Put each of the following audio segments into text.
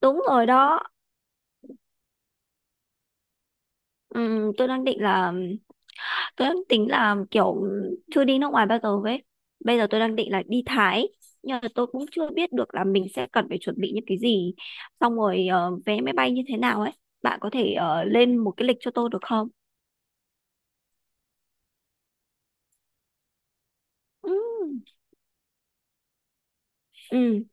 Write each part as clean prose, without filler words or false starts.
Đúng rồi đó. Ừm, tôi đang định là tôi đang tính là kiểu chưa đi nước ngoài bao giờ ấy. Bây giờ tôi đang định là đi Thái nhưng mà tôi cũng chưa biết được là mình sẽ cần phải chuẩn bị những cái gì xong rồi vé máy bay như thế nào ấy. Bạn có thể lên một cái lịch cho tôi được không? Ừm. Ừm.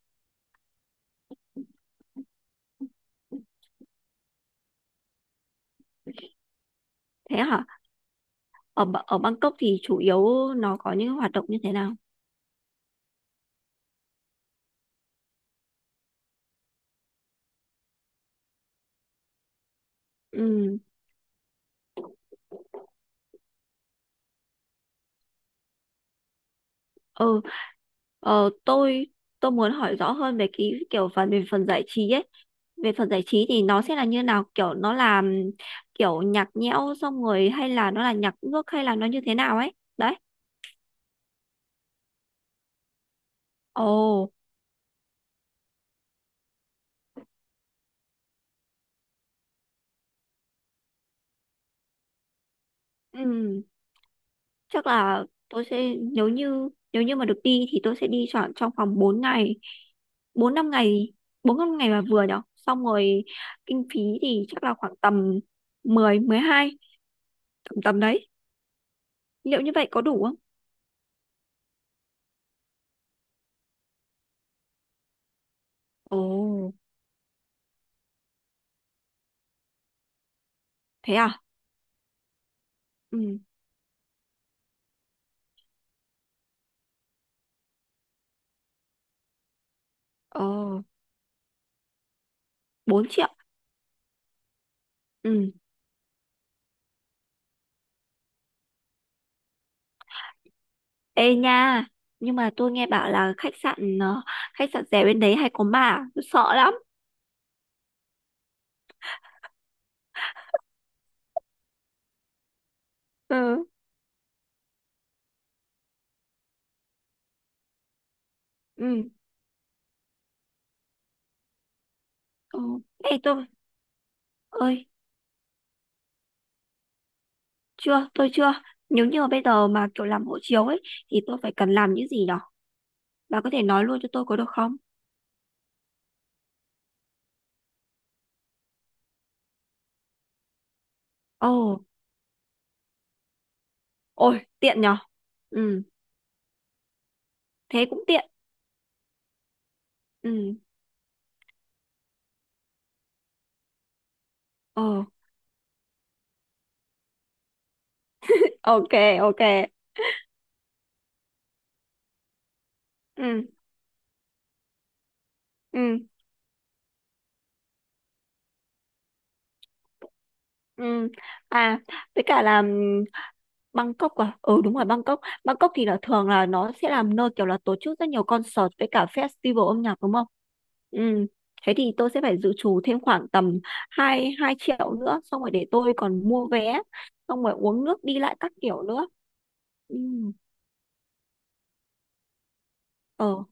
Thế hả? Ở ở Bangkok thì chủ yếu nó có những hoạt động như thế nào? Ừm. Ừ. Ờ, tôi tôi muốn hỏi rõ hơn về cái kiểu phần về phần giải trí ấy, về phần giải trí thì nó sẽ là như nào, kiểu nó là kiểu nhạc nhẽo xong rồi hay là nó là nhạc nước hay là nó như thế nào ấy đấy. Ồ. ừm, chắc là tôi sẽ nếu như mà được đi thì tôi sẽ đi chọn trong vòng 4 ngày, bốn năm ngày, là vừa nhở. Xong rồi kinh phí thì chắc là khoảng tầm mười, mười hai, tầm tầm đấy, liệu như vậy có đủ không? Ồ. Thế à? Ừ. Ồ. Bốn triệu. Ừ. Ê nha, nhưng mà tôi nghe bảo là khách sạn rẻ bên đấy hay có ma, à? Tôi sợ lắm. Ừ. Ừ. Ừ. Ê tôi ơi, chưa, tôi chưa. Nếu như mà bây giờ mà kiểu làm hộ chiếu ấy thì tôi phải cần làm những gì nhở? Bà có thể nói luôn cho tôi có được không? Ồ. Ôi, tiện nhở. Ừ, thế cũng tiện. Ừ. Ồ. Ok. Ok. Ừ. Ừ. Ừ. À, với cả là Bangkok à? Ừ, đúng rồi, Bangkok. Bangkok thì là thường là nó sẽ làm nơi kiểu là tổ chức rất nhiều concert với cả festival âm nhạc đúng không? Ừ. Thế thì tôi sẽ phải dự trù thêm khoảng tầm 2 2 triệu nữa xong rồi để tôi còn mua vé xong rồi uống nước đi lại các kiểu nữa. Ừ. Ờ.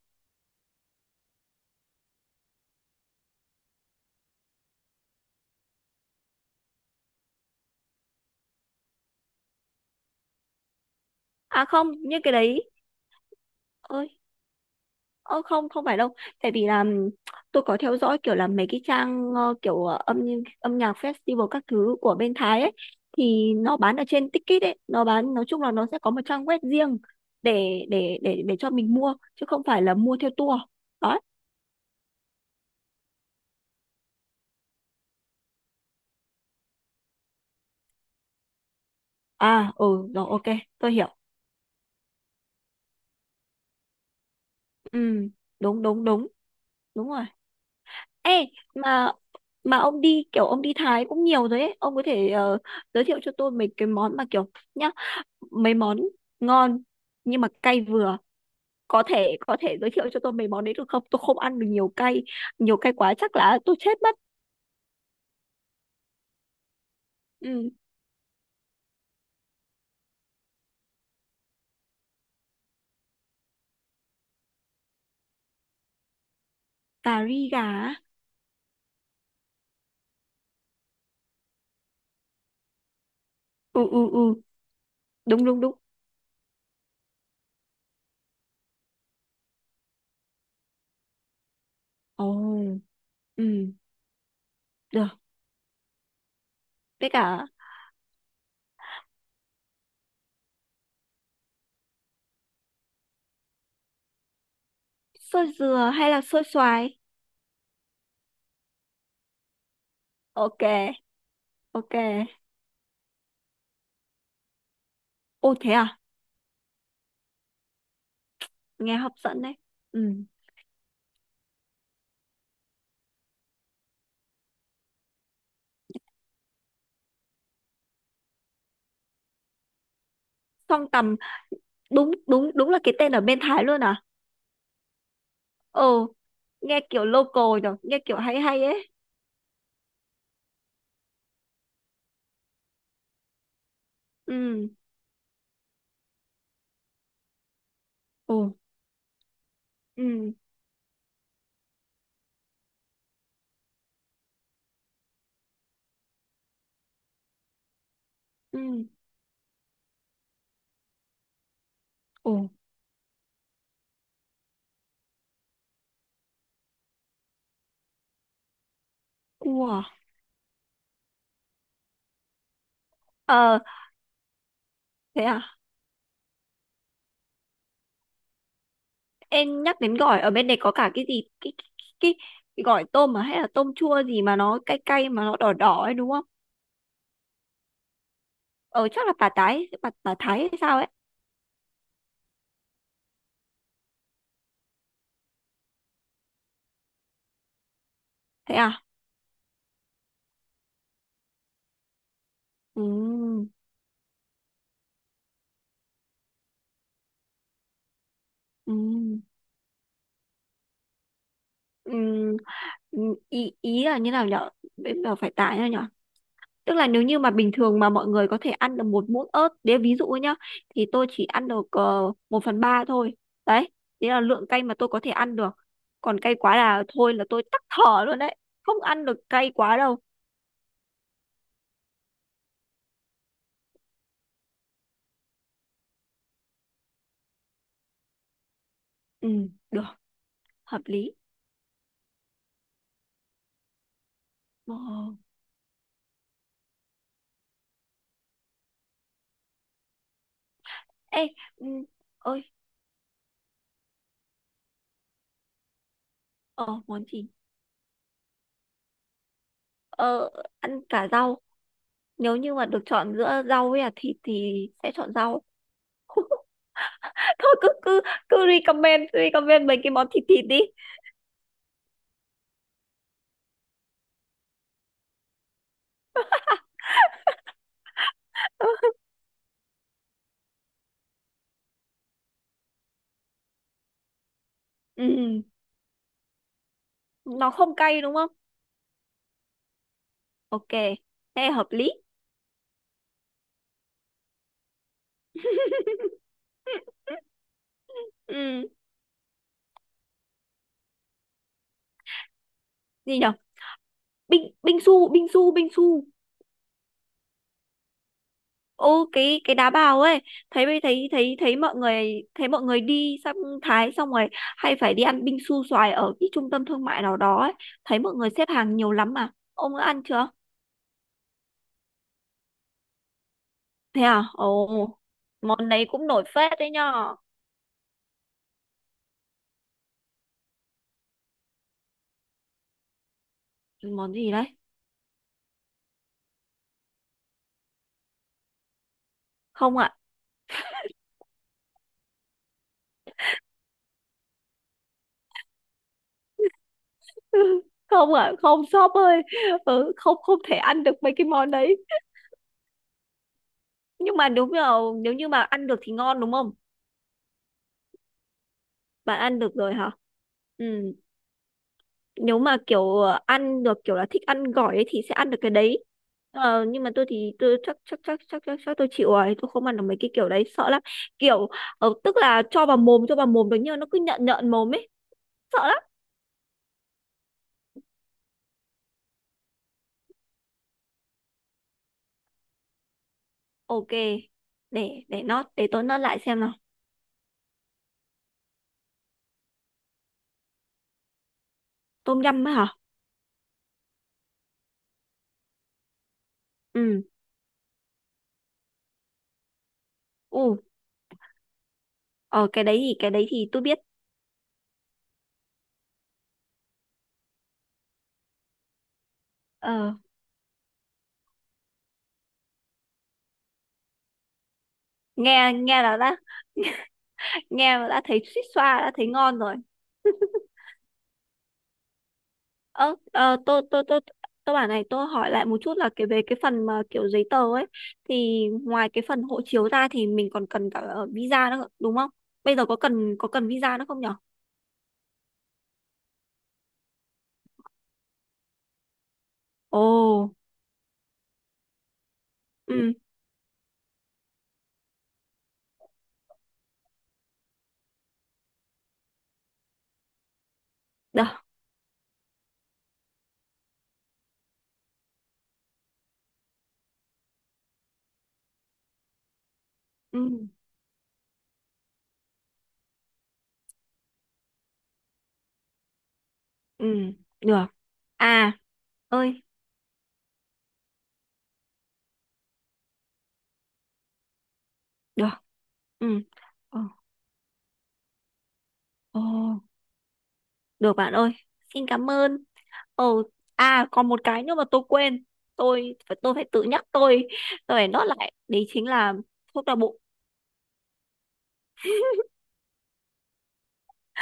À không, như cái đấy. Ơi. Ờ, không không phải đâu, tại vì là tôi có theo dõi kiểu là mấy cái trang kiểu âm âm nhạc festival các thứ của bên Thái ấy, thì nó bán ở trên Ticket ấy, nó bán nói chung là nó sẽ có một trang web riêng để cho mình mua chứ không phải là mua theo tour đó. À. Ừ. Rồi, ok, tôi hiểu. Ừ, đúng đúng đúng, đúng rồi. Ê, mà mà ông đi Thái cũng nhiều rồi ấy, ông có thể giới thiệu cho tôi mấy cái món mà kiểu nhá, mấy món ngon nhưng mà cay vừa, có thể giới thiệu cho tôi mấy món đấy được không? Tôi không ăn được nhiều cay, nhiều cay quá chắc là tôi chết mất. Ừ. Cà ri gà á? Ừ ừ ừ, đúng đúng đúng. Ồ. Ừ, được. Với cả xôi dừa hay là xôi xoài? Ok. Ok. Ô, thế à? Nghe hấp dẫn đấy. Ừ. Song tầm, đúng đúng đúng, là cái tên ở bên Thái luôn à? Ồ, nghe kiểu local rồi, nghe kiểu hay hay ấy. Ừ. Ồ. Ừ. Ừ. Ồ, cua à? Ờ, thế à? Em nhắc đến gỏi, ở bên này có cả cái gì? Cái, cái gỏi tôm mà hay là tôm chua gì mà nó cay cay mà nó đỏ đỏ ấy đúng không? Ờ, chắc là bà Thái hay sao ấy? Thế à? Ừ, ừ, ừ, ừ, ý là như nào nhở? Bây giờ phải tải nhở? Tức là nếu như mà bình thường mà mọi người có thể ăn được một muỗng ớt, đấy ví dụ ấy nhá, thì tôi chỉ ăn được 1 phần 3 thôi. Đấy, đấy là lượng cay mà tôi có thể ăn được. Còn cay quá là thôi là tôi tắc thở luôn đấy. Không ăn được cay quá đâu. Ừ, được, hợp lý. Ờ. Ê. Ừ. Ơi. Ờ, món gì? Ờ, ăn cả rau. Nếu như mà được chọn giữa rau với là thịt thì sẽ chọn rau. Thôi cứ cứ cứ recommend recommend mấy cái món thịt thịt đi. Ừ. Nó không cay đúng không? Ok, thế hợp lý. Ừ. Gì nhở? Binh binh su, binh su, binh su. Ô, cái đá bào ấy. Thấy thấy thấy mọi người đi sang Thái xong rồi hay phải đi ăn binh su xoài ở cái trung tâm thương mại nào đó ấy, thấy mọi người xếp hàng nhiều lắm. Mà ông đã ăn chưa? Thế à? Ồ. Món đấy cũng nổi phết đấy nhở. Món gì đấy? Không ạ. không ạ, không, shop ơi. Ừ, không không thể ăn được mấy cái món đấy. Nhưng mà nếu như mà ăn được thì ngon đúng không? Bạn ăn được rồi hả? Ừ, nếu mà kiểu ăn được kiểu là thích ăn gỏi ấy thì sẽ ăn được cái đấy. Nhưng mà tôi thì tôi chắc chắc chắc chắc chắc, chắc tôi chịu rồi, tôi không ăn được mấy cái kiểu đấy, sợ lắm. Kiểu tức là cho vào mồm được nhưng mà nó cứ nhợn nhợn mồm ấy, sợ lắm. Ok, để nó để tôi nó lại xem nào. Tôm yum ấy hả? Ừ. U. Ờ, cái đấy thì tôi biết. Ờ, nghe nghe là đã, nghe mà đã thấy suýt xoa, đã thấy ngon rồi. ơ. Ờ, tôi bảo này, tôi hỏi lại một chút là về cái phần mà kiểu giấy tờ ấy, thì ngoài cái phần hộ chiếu ra thì mình còn cần cả visa nữa đúng không? Bây giờ có cần visa nữa không nhở? Ồ. Ừ, được. Ừ. Ừ, được. À. Ơi. Được. Ừ. Ồ. Ồ, được bạn ơi, xin cảm ơn. Ừ. À, còn một cái nữa mà tôi quên, tôi phải tự nhắc tôi phải nốt lại, đấy chính là thuốc đau bụng.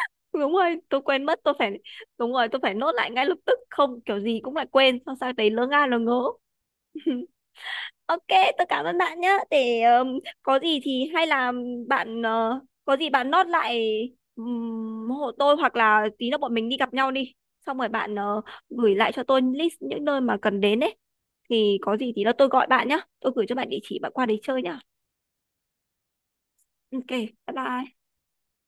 đúng rồi, tôi quên mất, tôi phải đúng rồi tôi phải nốt lại ngay lập tức, không kiểu gì cũng lại quên xong sang đấy lỡ ngớ. Ok, tôi cảm ơn bạn nhé. Để có gì thì hay là bạn có gì bạn nốt lại hộ tôi, hoặc là tí nữa bọn mình đi gặp nhau đi. Xong rồi bạn gửi lại cho tôi list những nơi mà cần đến ấy. Thì có gì thì là tôi gọi bạn nhé. Tôi gửi cho bạn địa chỉ bạn qua đấy chơi nhá. Ok, bye bye.